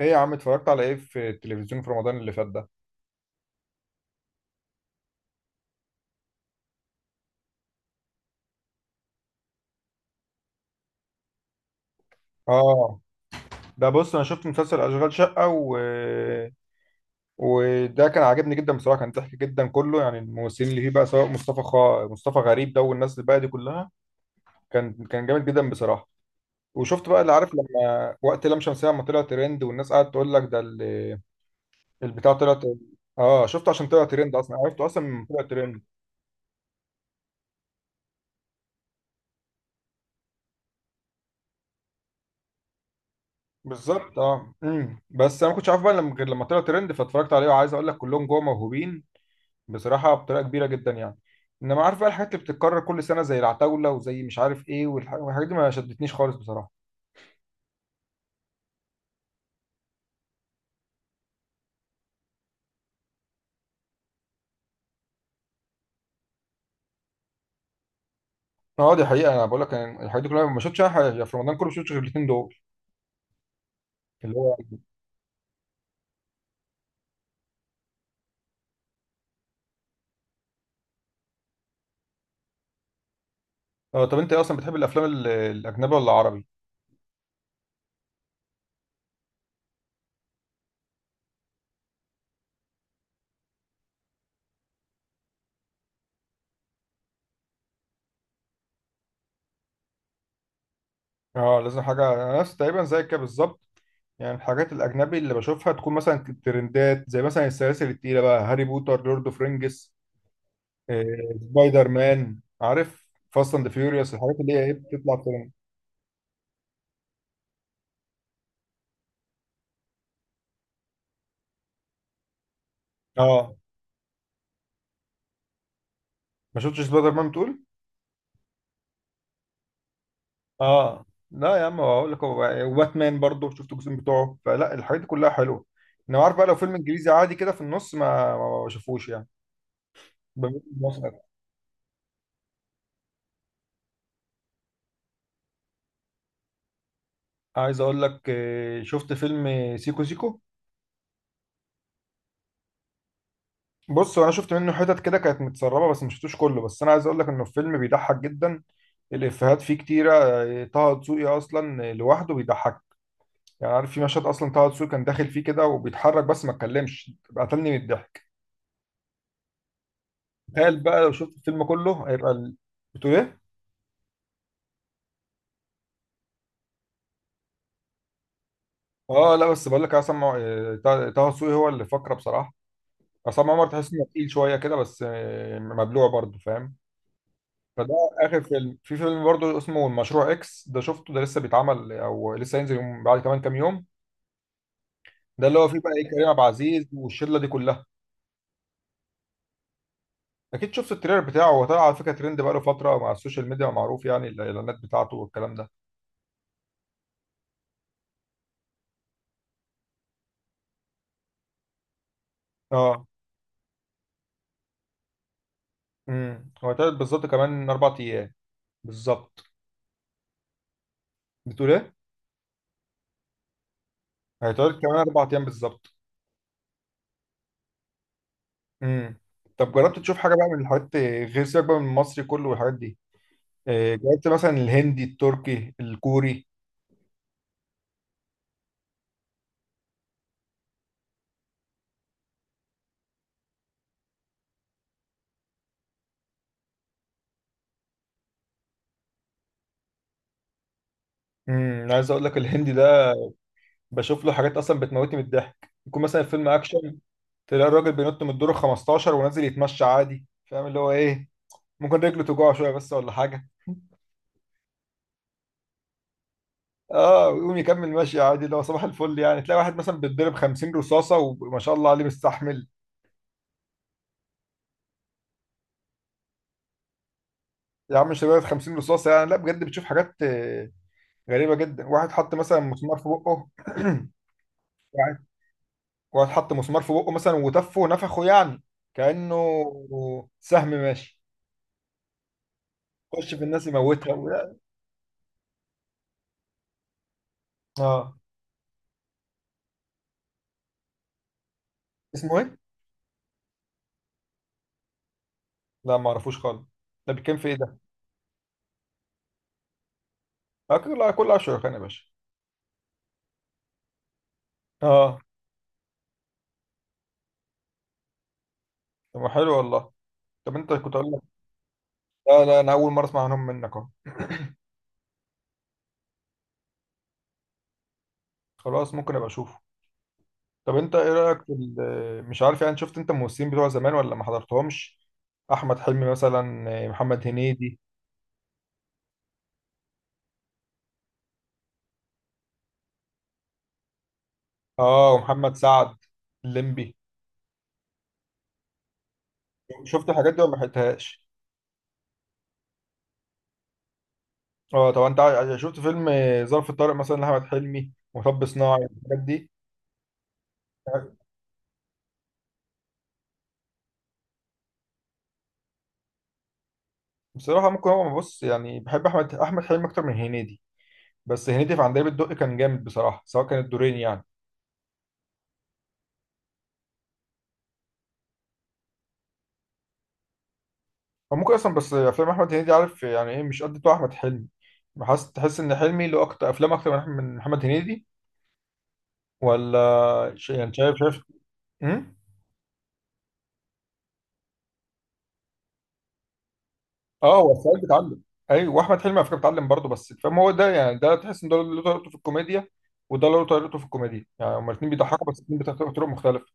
ايه يا عم، اتفرجت على ايه في التلفزيون في رمضان اللي فات ده؟ اه، ده بص انا شفت مسلسل اشغال شقة وده كان عاجبني جدا بصراحة، كان ضحك جدا كله. يعني الممثلين اللي فيه بقى سواء مصطفى غريب ده والناس الباقية دي كلها كان جامد جدا بصراحة. وشفت بقى اللي عارف، لما وقت لام شمسية لما طلع ترند والناس قعدت تقول لك البتاع طلع ترند. اه شفته عشان طلع ترند، اصلا عرفته اصلا من طلع ترند. بالظبط. اه، بس انا ما كنتش عارف بقى لما، غير لما طلع ترند فاتفرجت عليه. وعايز اقول لك، كلهم جوه موهوبين بصراحة، بطريقة كبيرة جدا يعني. انما عارف بقى الحاجات اللي بتتكرر كل سنة زي العتاولة وزي مش عارف ايه والحاجات دي ما شدتنيش خالص بصراحة. اه دي حقيقة، انا بقول لك أنا الحاجات دي كلها ما شفتش أي حاجة في رمضان كله، ما شفتش غير الاثنين دول. اللي هو اه. طب انت إيه اصلا، بتحب الافلام الاجنبي ولا العربي؟ اه لازم حاجة، انا نفس تقريبا زيك كده بالظبط. يعني الحاجات الاجنبي اللي بشوفها تكون مثلا ترندات، زي مثلا السلاسل التقيلة بقى، هاري بوتر، لورد اوف رينجز، آه، سبايدر مان، عارف، فاست اند فيوريوس، الحاجات اللي هي ايه، بتطلع ترند. اه ما شفتش سبايدر مان بتقول؟ اه لا يا عم اقول لك، هو وباتمان برضه شفت الجزء بتوعه، فلا الحاجات دي كلها حلوه. انا عارف بقى لو فيلم انجليزي عادي كده في النص ما بشوفوش يعني. بميل للمصري أكتر. عايز اقول لك شفت فيلم سيكو سيكو. بص انا شفت منه حتت كده كانت متسربه بس ما شفتوش كله، بس انا عايز اقول لك انه الفيلم بيضحك جدا، الافيهات فيه كتيره. طه دسوقي اصلا لوحده بيضحك. يعني عارف، في مشهد اصلا طه دسوقي كان داخل فيه كده وبيتحرك بس ما اتكلمش، قتلني من الضحك. تخيل بقى لو شفت الفيلم كله، هيبقى بتقول ايه؟ اه لا بس بقول لك، طه دسوقي هو اللي فقره بصراحه. عصام عمر تحس انه تقيل شويه كده، بس مبلوع برضه، فاهم؟ فده اخر فيلم، في فيلم برضه اسمه المشروع اكس ده، شفته ده لسه بيتعمل، او لسه هينزل يوم بعد كمان كام يوم. ده اللي هو فيه بقى ايه، كريم عبد العزيز والشله دي كلها. اكيد شفت التريلر بتاعه، هو طلع على فكره ترند بقاله فتره مع السوشيال ميديا، معروف يعني، الاعلانات بتاعته والكلام ده. اه. هو هيتعرض بالظبط كمان اربع ايام، بالظبط. بتقول ايه؟ هيتعرض كمان اربع ايام بالظبط. امم طب جربت تشوف حاجه بقى من الحاجات غير سياق بقى، من المصري كله والحاجات دي، جربت مثلا الهندي، التركي، الكوري؟ عايز اقول لك الهندي ده بشوف له حاجات اصلا بتموتني من الضحك. يكون مثلا فيلم اكشن، تلاقي الراجل بينط من الدور ال 15 ونازل يتمشى عادي، فاهم اللي هو ايه، ممكن رجله توجعه شويه بس ولا حاجه. اه ويقوم يكمل ماشي عادي، اللي هو صباح الفل يعني. تلاقي واحد مثلا بيتضرب 50 رصاصه وما شاء الله عليه مستحمل. يا عم مش لدرجه 50 رصاصه يعني، لا بجد بتشوف حاجات غريبه جدا. واحد حط مثلا مسمار في بقه واحد واحد حط مسمار في بقه مثلا، وتفه ونفخه يعني كانه سهم ماشي، خش في الناس يموتها ولا. اه اسمه ايه؟ لا ما اعرفوش خالص، ده بيتكلم في ايه ده؟ كل اشهر كان يا باشا. اه طب ما حلو والله. طب انت كنت اقول لك، لا لا انا اول مره اسمع عنهم منك اهو. خلاص ممكن ابقى اشوفه. طب انت ايه رايك في مش عارف يعني، شفت انت الممثلين بتوع زمان ولا ما حضرتهمش؟ احمد حلمي مثلا، محمد هنيدي. اه. ومحمد سعد، الليمبي. شفت الحاجات دي ولا ما حيتهاش؟ اه طب انت شفت فيلم ظرف طارق مثلا لاحمد حلمي، ومطب صناعي، الحاجات دي؟ بصراحه ممكن، هو بص، يعني بحب احمد حلمي اكتر من هنيدي، بس هنيدي في عندليب الدق كان جامد بصراحه، سواء كان الدورين يعني. او ممكن اصلا، بس افلام احمد هنيدي، عارف يعني ايه، مش قد بتوع احمد حلمي. بحس، تحس ان حلمي له اكتر افلام اكتر من من محمد هنيدي، ولا يعني شايف، شايف. امم اه، هو السعيد بيتعلم. ايوه، واحمد حلمي على فكره بيتعلم برضه، بس فاهم هو ده يعني، ده تحس ان ده له طريقته في الكوميديا، وده له طريقته في الكوميديا. يعني هما الاثنين بيضحكوا، بس الاثنين بيضحكوا بطرق مختلفه.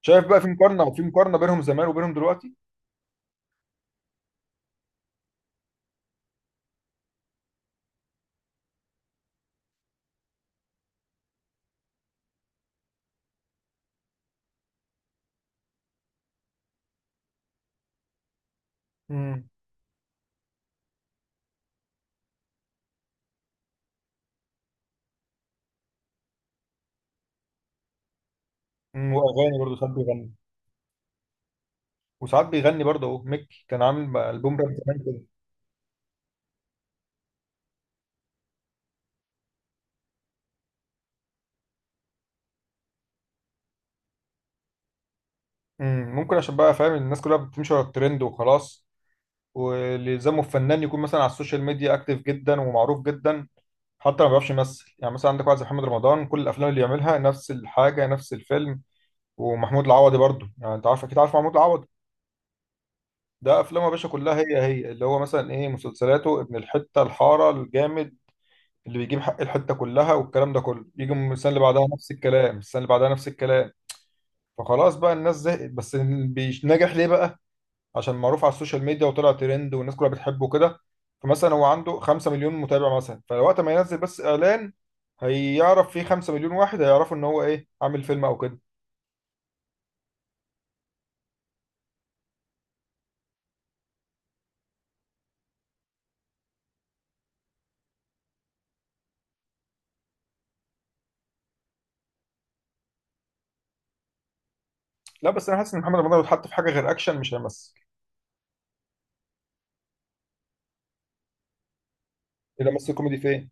شايف بقى، في مقارنه، في مقارنه بينهم زمان وبينهم دلوقتي. امم واغاني برضه ساعات بيغني. وساعات بيغني برضه اهو، ميكي كان عامل بقى البوم راب زمان كده. ممكن عشان بقى، فاهم، الناس كلها بتمشي ورا الترند وخلاص. واللي يلزمه الفنان يكون مثلا على السوشيال ميديا اكتف جدا ومعروف جدا، حتى ما بيعرفش يمثل. يعني مثلا عندك واحد زي محمد رمضان، كل الافلام اللي بيعملها نفس الحاجه، نفس الفيلم. ومحمود العوضي برضه، يعني انت عارف اكيد، عارف محمود العوضي، ده افلامه يا باشا كلها هي هي. اللي هو مثلا ايه، مسلسلاته، ابن الحته، الحاره، الجامد، اللي بيجيب حق الحته، كلها والكلام ده كله. يجي من السنه اللي بعدها نفس الكلام، السنه اللي بعدها نفس الكلام، فخلاص بقى الناس زهقت. بس ناجح ليه بقى؟ عشان معروف على السوشيال ميديا وطلع ترند والناس كلها بتحبه كده. فمثلا هو عنده 5 مليون متابع مثلا، فوقت ما ينزل بس اعلان، هيعرف فيه 5 مليون واحد، هيعرفوا ان هو ايه، عامل فيلم او كده. لا بس انا حاسس ان محمد رمضان لو اتحط في حاجه غير اكشن، مش هيمثل. اذا مثل كوميدي فين؟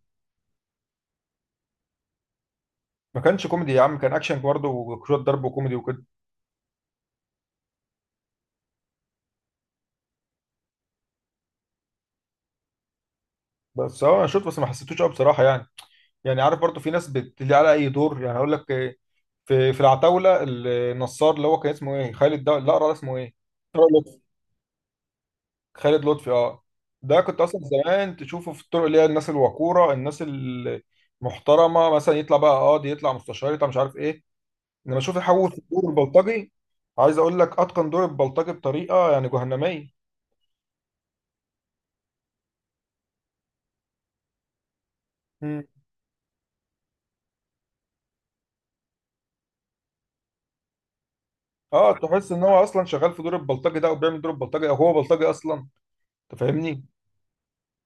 ما كانش كوميدي يا عم، كان اكشن برضه وشويه ضرب وكوميدي وكده. بس اه انا شفت بس ما حسيتوش قوي بصراحه يعني. يعني عارف برضه في ناس بتلي على اي دور. يعني هقول لك في العتاوله النصار، اللي هو كان اسمه ايه، خالد ده، لا اسمه ايه، خالد لطفي. اه ده كنت اصلا زمان تشوفه في الطرق اللي هي الناس الوقوره، الناس المحترمه، مثلا يطلع بقى قاضي، يطلع مستشار، يطلع مش عارف ايه. انما اشوف يحول في الدور البلطجي. عايز اقول لك اتقن دور البلطجي بطريقه يعني جهنميه. مم. اه تحس ان هو اصلا شغال في دور البلطجي ده، او بيعمل دور البلطجي، او هو بلطجي اصلا، انت فاهمني.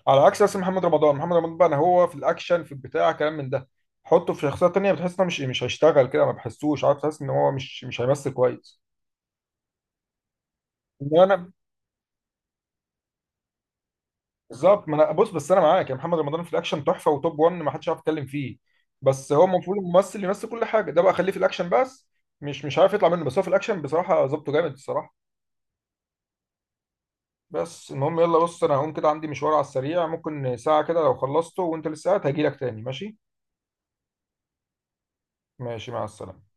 على عكس اسم محمد رمضان. محمد رمضان بقى أنا، هو في الاكشن في البتاع كلام من ده، حطه في شخصيه تانيه بتحس انه مش هيشتغل كده، ما بحسوش، عارف، تحس ان هو مش هيمثل كويس. انما انا بالظبط. ما انا بص، بس انا معاك، يا محمد رمضان في الاكشن تحفه وتوب 1 ما حدش عارف يتكلم فيه. بس هو المفروض الممثل يمثل كل حاجه، ده بقى خليه في الاكشن بس، مش عارف يطلع منه. بس هو في الاكشن بصراحه ظبطه جامد، الصراحه. بس المهم، يلا بص انا هقوم كده، عندي مشوار على السريع، ممكن ساعه كده، لو خلصته وانت لسه قاعد هجيلك تاني، ماشي؟ ماشي، مع السلامه.